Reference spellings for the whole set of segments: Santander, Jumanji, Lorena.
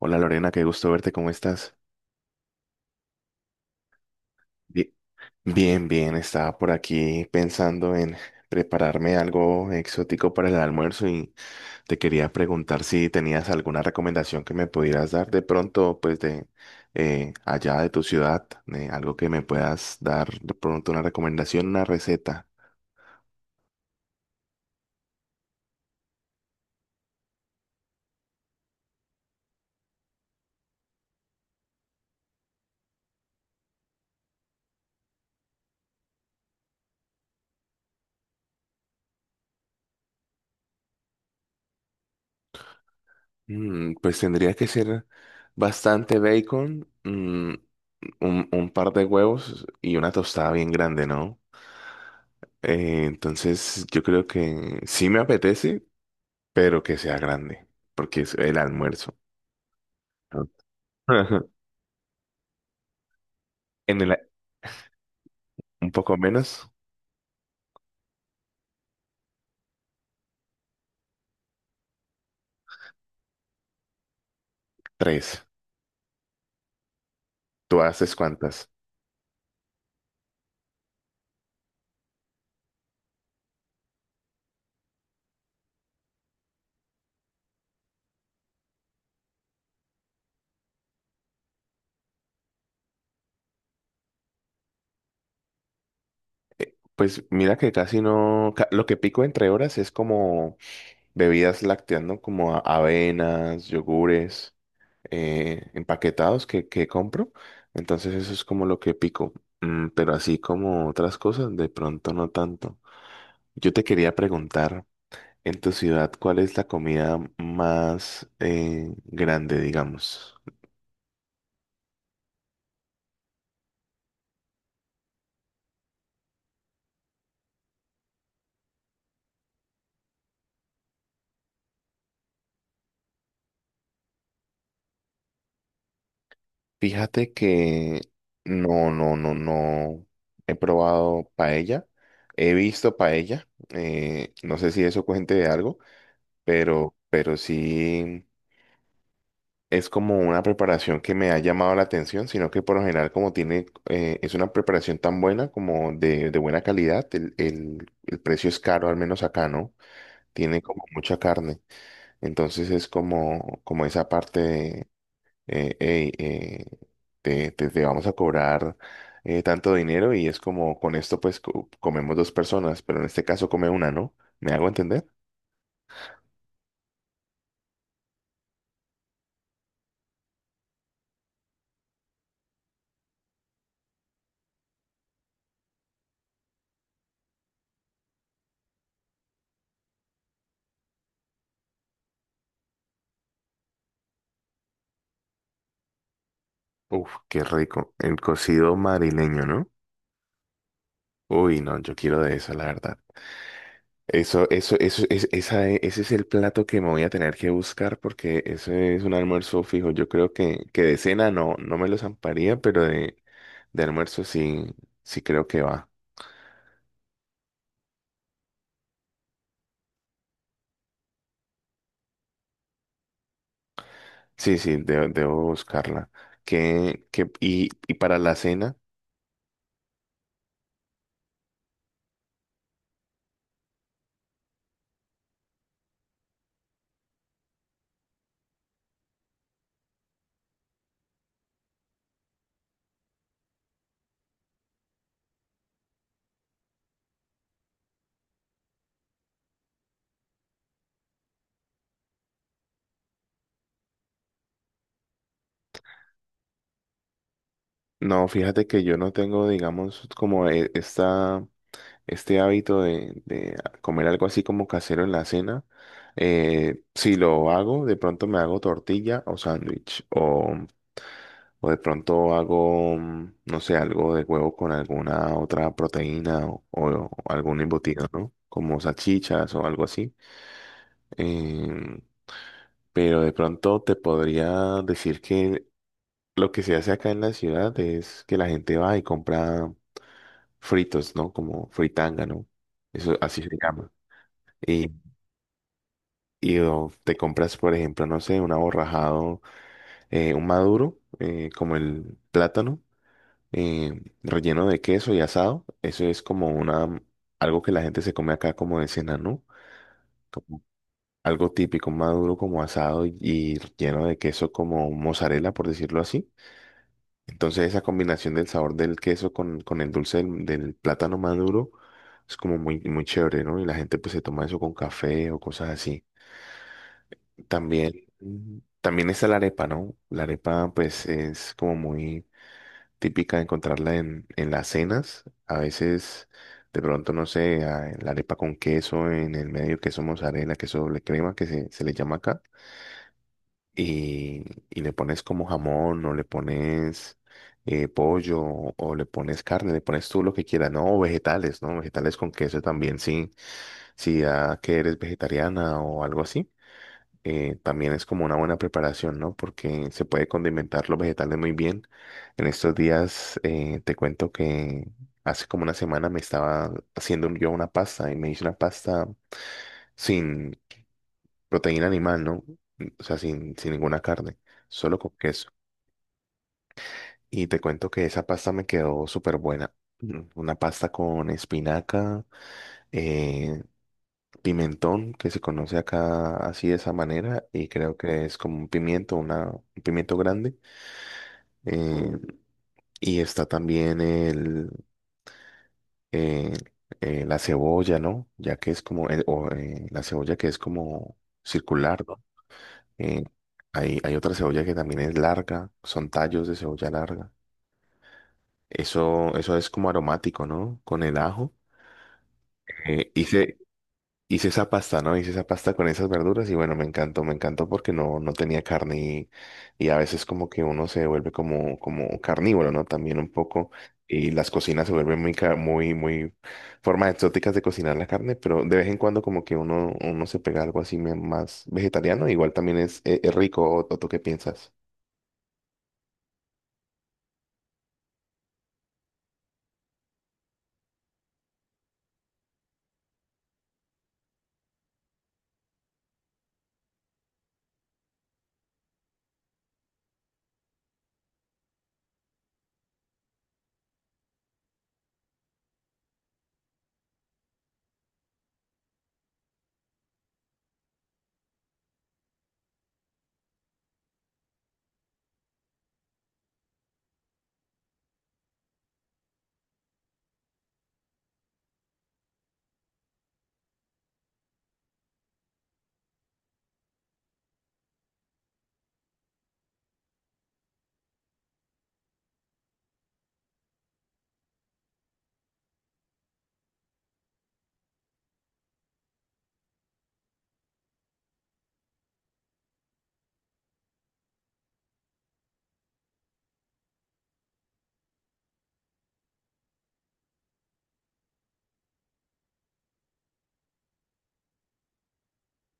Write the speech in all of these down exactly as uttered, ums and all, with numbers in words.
Hola Lorena, qué gusto verte, ¿cómo estás? Bi- Bien, bien, estaba por aquí pensando en prepararme algo exótico para el almuerzo y te quería preguntar si tenías alguna recomendación que me pudieras dar de pronto, pues de eh, allá de tu ciudad, eh, algo que me puedas dar de pronto una recomendación, una receta. Mm, pues tendría que ser bastante bacon, mm, un, un par de huevos y una tostada bien grande, ¿no? Eh, entonces, yo creo que sí me apetece, pero que sea grande, porque es el almuerzo. Ajá. En el, un poco menos, tres. ¿Tú haces cuántas? Pues mira que casi no, ca- lo que pico entre horas es como bebidas lácteas, ¿no? Como a- avenas, yogures, eh, empaquetados que, que compro. Entonces eso es como lo que pico. Mm, pero así como otras cosas, de pronto no tanto. Yo te quería preguntar. En tu ciudad, ¿cuál es la comida más eh, grande, digamos? Fíjate que no, no, no, no he probado paella. He visto paella. Eh, no sé si eso cuente de algo, pero, pero sí es como una preparación que me ha llamado la atención, sino que por lo general como tiene, eh, es una preparación tan buena como de, de buena calidad, el, el el precio es caro, al menos acá, ¿no? Tiene como mucha carne. Entonces es como, como esa parte de, eh, "Ey, eh, te, te- te vamos a cobrar eh, tanto dinero y es como con esto pues co- comemos dos personas, pero en este caso come una, ¿no? ¿Me hago entender? Uf, qué rico. El cocido marileño, ¿no? Uy, no, yo quiero de eso, la verdad. Eso, eso, eso, es, esa, e- ese es el plato que me voy a tener que buscar porque ese es un almuerzo fijo. Yo creo que, que de cena no, no me lo zamparía, pero de, de almuerzo sí, sí creo que va. Sí, sí, de- debo buscarla. ¿Qué, qué- y, y para la cena? No, fíjate que yo no tengo, digamos, como e- esta, este hábito de, de comer algo así como casero en la cena. Eh, si lo hago, de pronto me hago tortilla o sándwich. O, o de pronto hago, mm, no sé, algo de huevo con alguna otra proteína o, o algún embutido, ¿no? Como salchichas o algo así. Em, pero de pronto te podría decir que lo que se hace acá en la ciudad es que la gente va y compra fritos, ¿no? Como fritanga, ¿no? Eso así se llama. Y, y o te compras, por ejemplo, no sé, un aborrajado, eh, un maduro, eh, como el plátano, eh, relleno de queso y asado. Eso es como una, algo que la gente se come acá como de cena, ¿no? Como algo típico, un maduro como asado y, y lleno de queso como mozzarella, por decirlo así. Entonces esa combinación del sabor del queso con, con el dulce del, del plátano maduro es como muy, muy chévere, ¿no? Y la gente pues se toma eso con café o cosas así. También, mm, también está la arepa, ¿no? La arepa pues es como muy típica de encontrarla en, en las cenas. A veces de pronto, no sé, a- la arepa con queso en el medio, queso mozzarella, queso doble crema que se, se le llama acá y, y le pones como jamón o le pones eh, pollo o le pones carne, le pones tú lo que quieras, no, o vegetales, ¿no? Vegetales con queso también, sí. Si ya que eres vegetariana o algo así, eh, también es como una buena preparación, ¿no? Porque se puede condimentar los vegetales muy bien. En estos días eh, te cuento que hace como una semana me estaba haciendo yo una pasta y me hice una pasta sin proteína animal, ¿no? O sea, sin, sin ninguna carne, solo con queso. Y te cuento que esa pasta me quedó súper buena. Mm, una pasta con espinaca, eh, pimentón, que se conoce acá así de esa manera, y creo que es como un pimiento, una, un pimiento grande. eh, y está también el, eh, eh, la cebolla, ¿no? Ya que es como, el- o, eh, la cebolla que es como circular, ¿no? Eh, hay, hay otra cebolla que también es larga, son tallos de cebolla larga. Eso, eso es como aromático, ¿no? Con el ajo. Eh, hice, hice esa pasta, ¿no? Hice esa pasta con esas verduras y bueno, me encantó, me encantó porque no, no tenía carne y, y a veces como que uno se vuelve como, como carnívoro, ¿no? También un poco y las cocinas se vuelven muy, ca- muy, muy formas exóticas de cocinar la carne, pero de vez en cuando como que uno, uno se pega algo así me- más vegetariano, igual también es, es, es rico, ¿o tú qué piensas?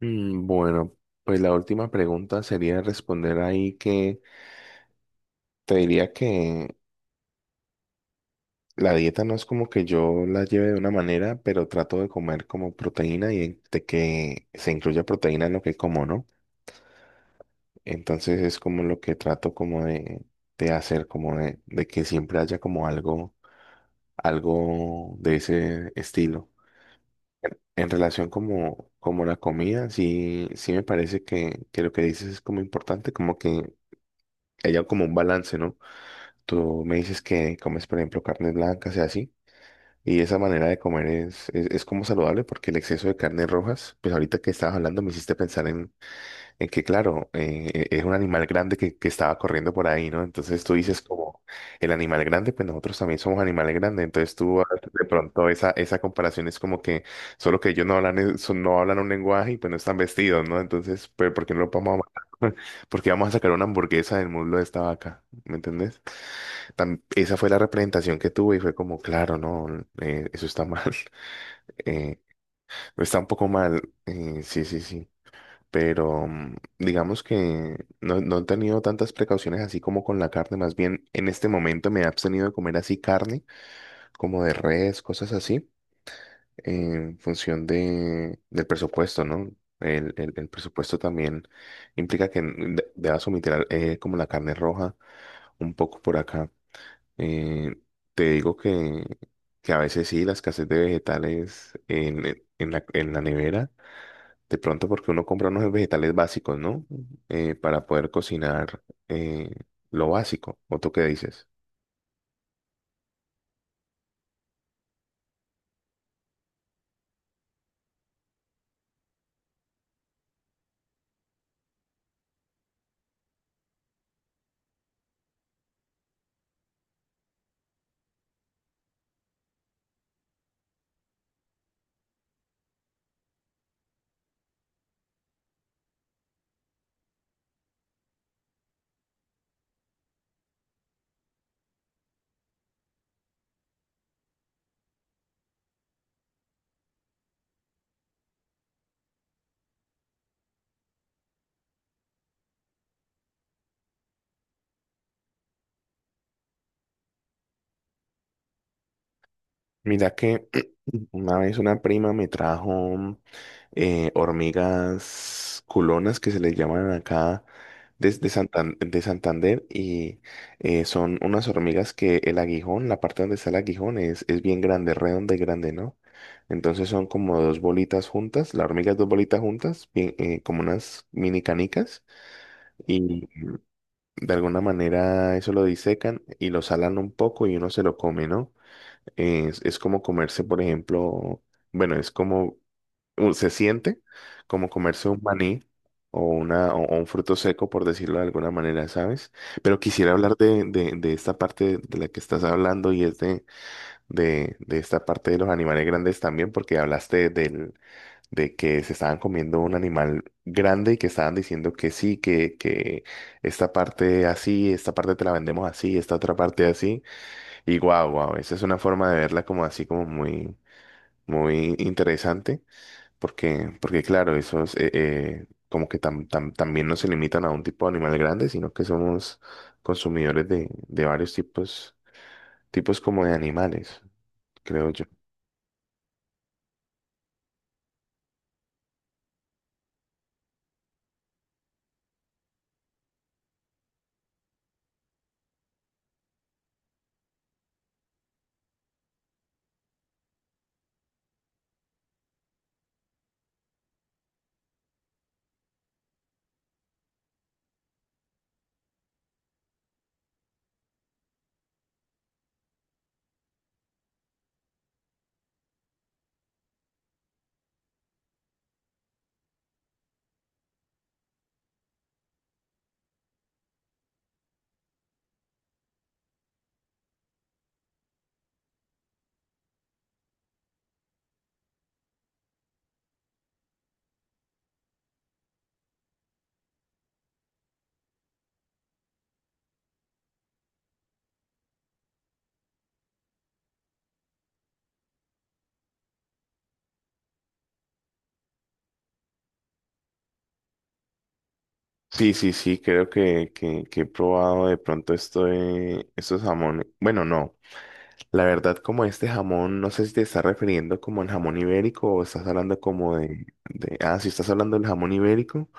Mm, bueno, pues la última pregunta sería responder ahí que te diría que la dieta no es como que yo la lleve de una manera, pero trato de comer como proteína y de que se incluya proteína en lo que como, ¿no? Entonces es como lo que trato como de, de hacer, como de, de que siempre haya como algo, algo de ese estilo. En relación como, como la comida, sí, sí me parece que, que lo que dices es como importante, como que haya como un balance, ¿no? Tú me dices que comes, por ejemplo, carnes blancas y así, y esa manera de comer es, es, es como saludable porque el exceso de carnes rojas, pues ahorita que estabas hablando me hiciste pensar es que claro, eh, eh, es un animal grande que, que estaba corriendo por ahí, ¿no? Entonces tú dices como el animal grande, pues nosotros también somos animales grandes. Entonces tú ah, de pronto esa, esa comparación es como que solo que ellos no hablan, es- son- no hablan un lenguaje y pues no están vestidos, ¿no? Entonces, pues ¿por qué no lo vamos a matar? Porque vamos a sacar una hamburguesa del muslo de esta vaca, ¿me entendés? Tam- esa fue la representación que tuve y fue como, claro, no, eh, eso está mal. Eh, está un poco mal. Eh, sí, sí, sí pero mm, digamos que no, no he tenido tantas precauciones así como con la carne, más bien en este momento me he abstenido de comer así carne, como de res, cosas así, en función de, del presupuesto, ¿no? El, el- el presupuesto también implica que de- debas omitir al- eh, como la carne roja un poco por acá. Eh, Te digo que, que a veces sí, la escasez de vegetales en, en la, en la nevera. De pronto porque uno compra unos vegetales básicos, ¿no? Eh, para poder cocinar eh, lo básico. ¿O tú qué dices? Mira que una vez una prima me trajo eh, hormigas culonas que se les llaman acá desde Santan- de Santander y eh, son unas hormigas que el aguijón, la parte donde está el aguijón es, es bien grande, redonda y grande, ¿no? Entonces son como dos bolitas juntas, la hormiga es dos bolitas juntas, bien, eh, como unas mini canicas. Y de alguna manera eso lo disecan y lo salan un poco y uno se lo come, ¿no? Es, es como comerse, por ejemplo, bueno, es como, u- se siente como comerse un maní o, una, o, o un fruto seco, por decirlo de alguna manera, ¿sabes? Pero quisiera hablar de, de, de esta parte de la que estás hablando y es de, de, de esta parte de los animales grandes también, porque hablaste del, de que se estaban comiendo un animal grande y que estaban diciendo que sí, que, que esta parte así, esta parte te la vendemos así, esta otra parte así. Y guau, guau, esa es una forma de verla como así como muy, muy interesante, porque, porque claro, esos eh, eh, como que tam- tam- también no se limitan a un tipo de animal grande, sino que somos consumidores de, de varios tipos, tipos como de animales, creo yo. Sí, sí, sí, creo que, que, que he probado de pronto esto de estos jamones. Bueno, no, la verdad como este jamón, no sé si te estás refiriendo como al jamón ibérico o estás hablando como de, de- Ah, si estás hablando del jamón ibérico,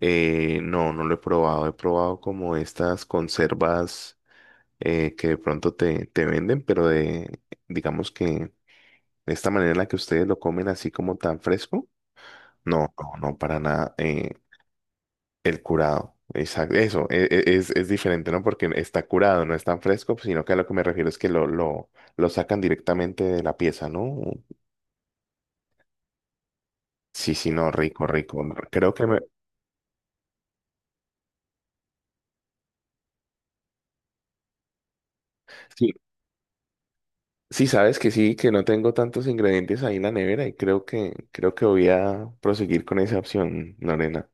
eh, no, no lo he probado. He probado como estas conservas eh, que de pronto te, te venden, pero de, digamos que de esta manera en la que ustedes lo comen así como tan fresco. No, no, no, para nada. Eh, El curado, exacto, eso e- e- es, es diferente, ¿no? Porque está curado, no es tan fresco, pues, sino que a lo que me refiero es que lo, lo, lo sacan directamente de la pieza, ¿no? Sí, sí, no, rico, rico. No, creo que me... Sí, sí, sabes que sí, que no tengo tantos ingredientes ahí en la nevera y creo que, creo que voy a proseguir con esa opción, Lorena.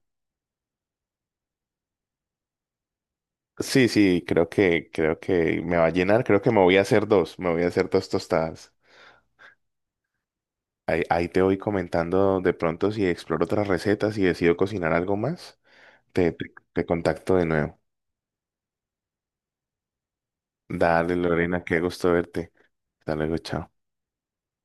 Sí, sí, creo que, creo que me va a llenar, creo que me voy a hacer dos, me voy a hacer dos tostadas. Ahí, ahí te voy comentando de pronto si exploro otras recetas y decido cocinar algo más. Te, te, te contacto de nuevo. Dale, Lorena, qué gusto verte. Hasta luego, chao.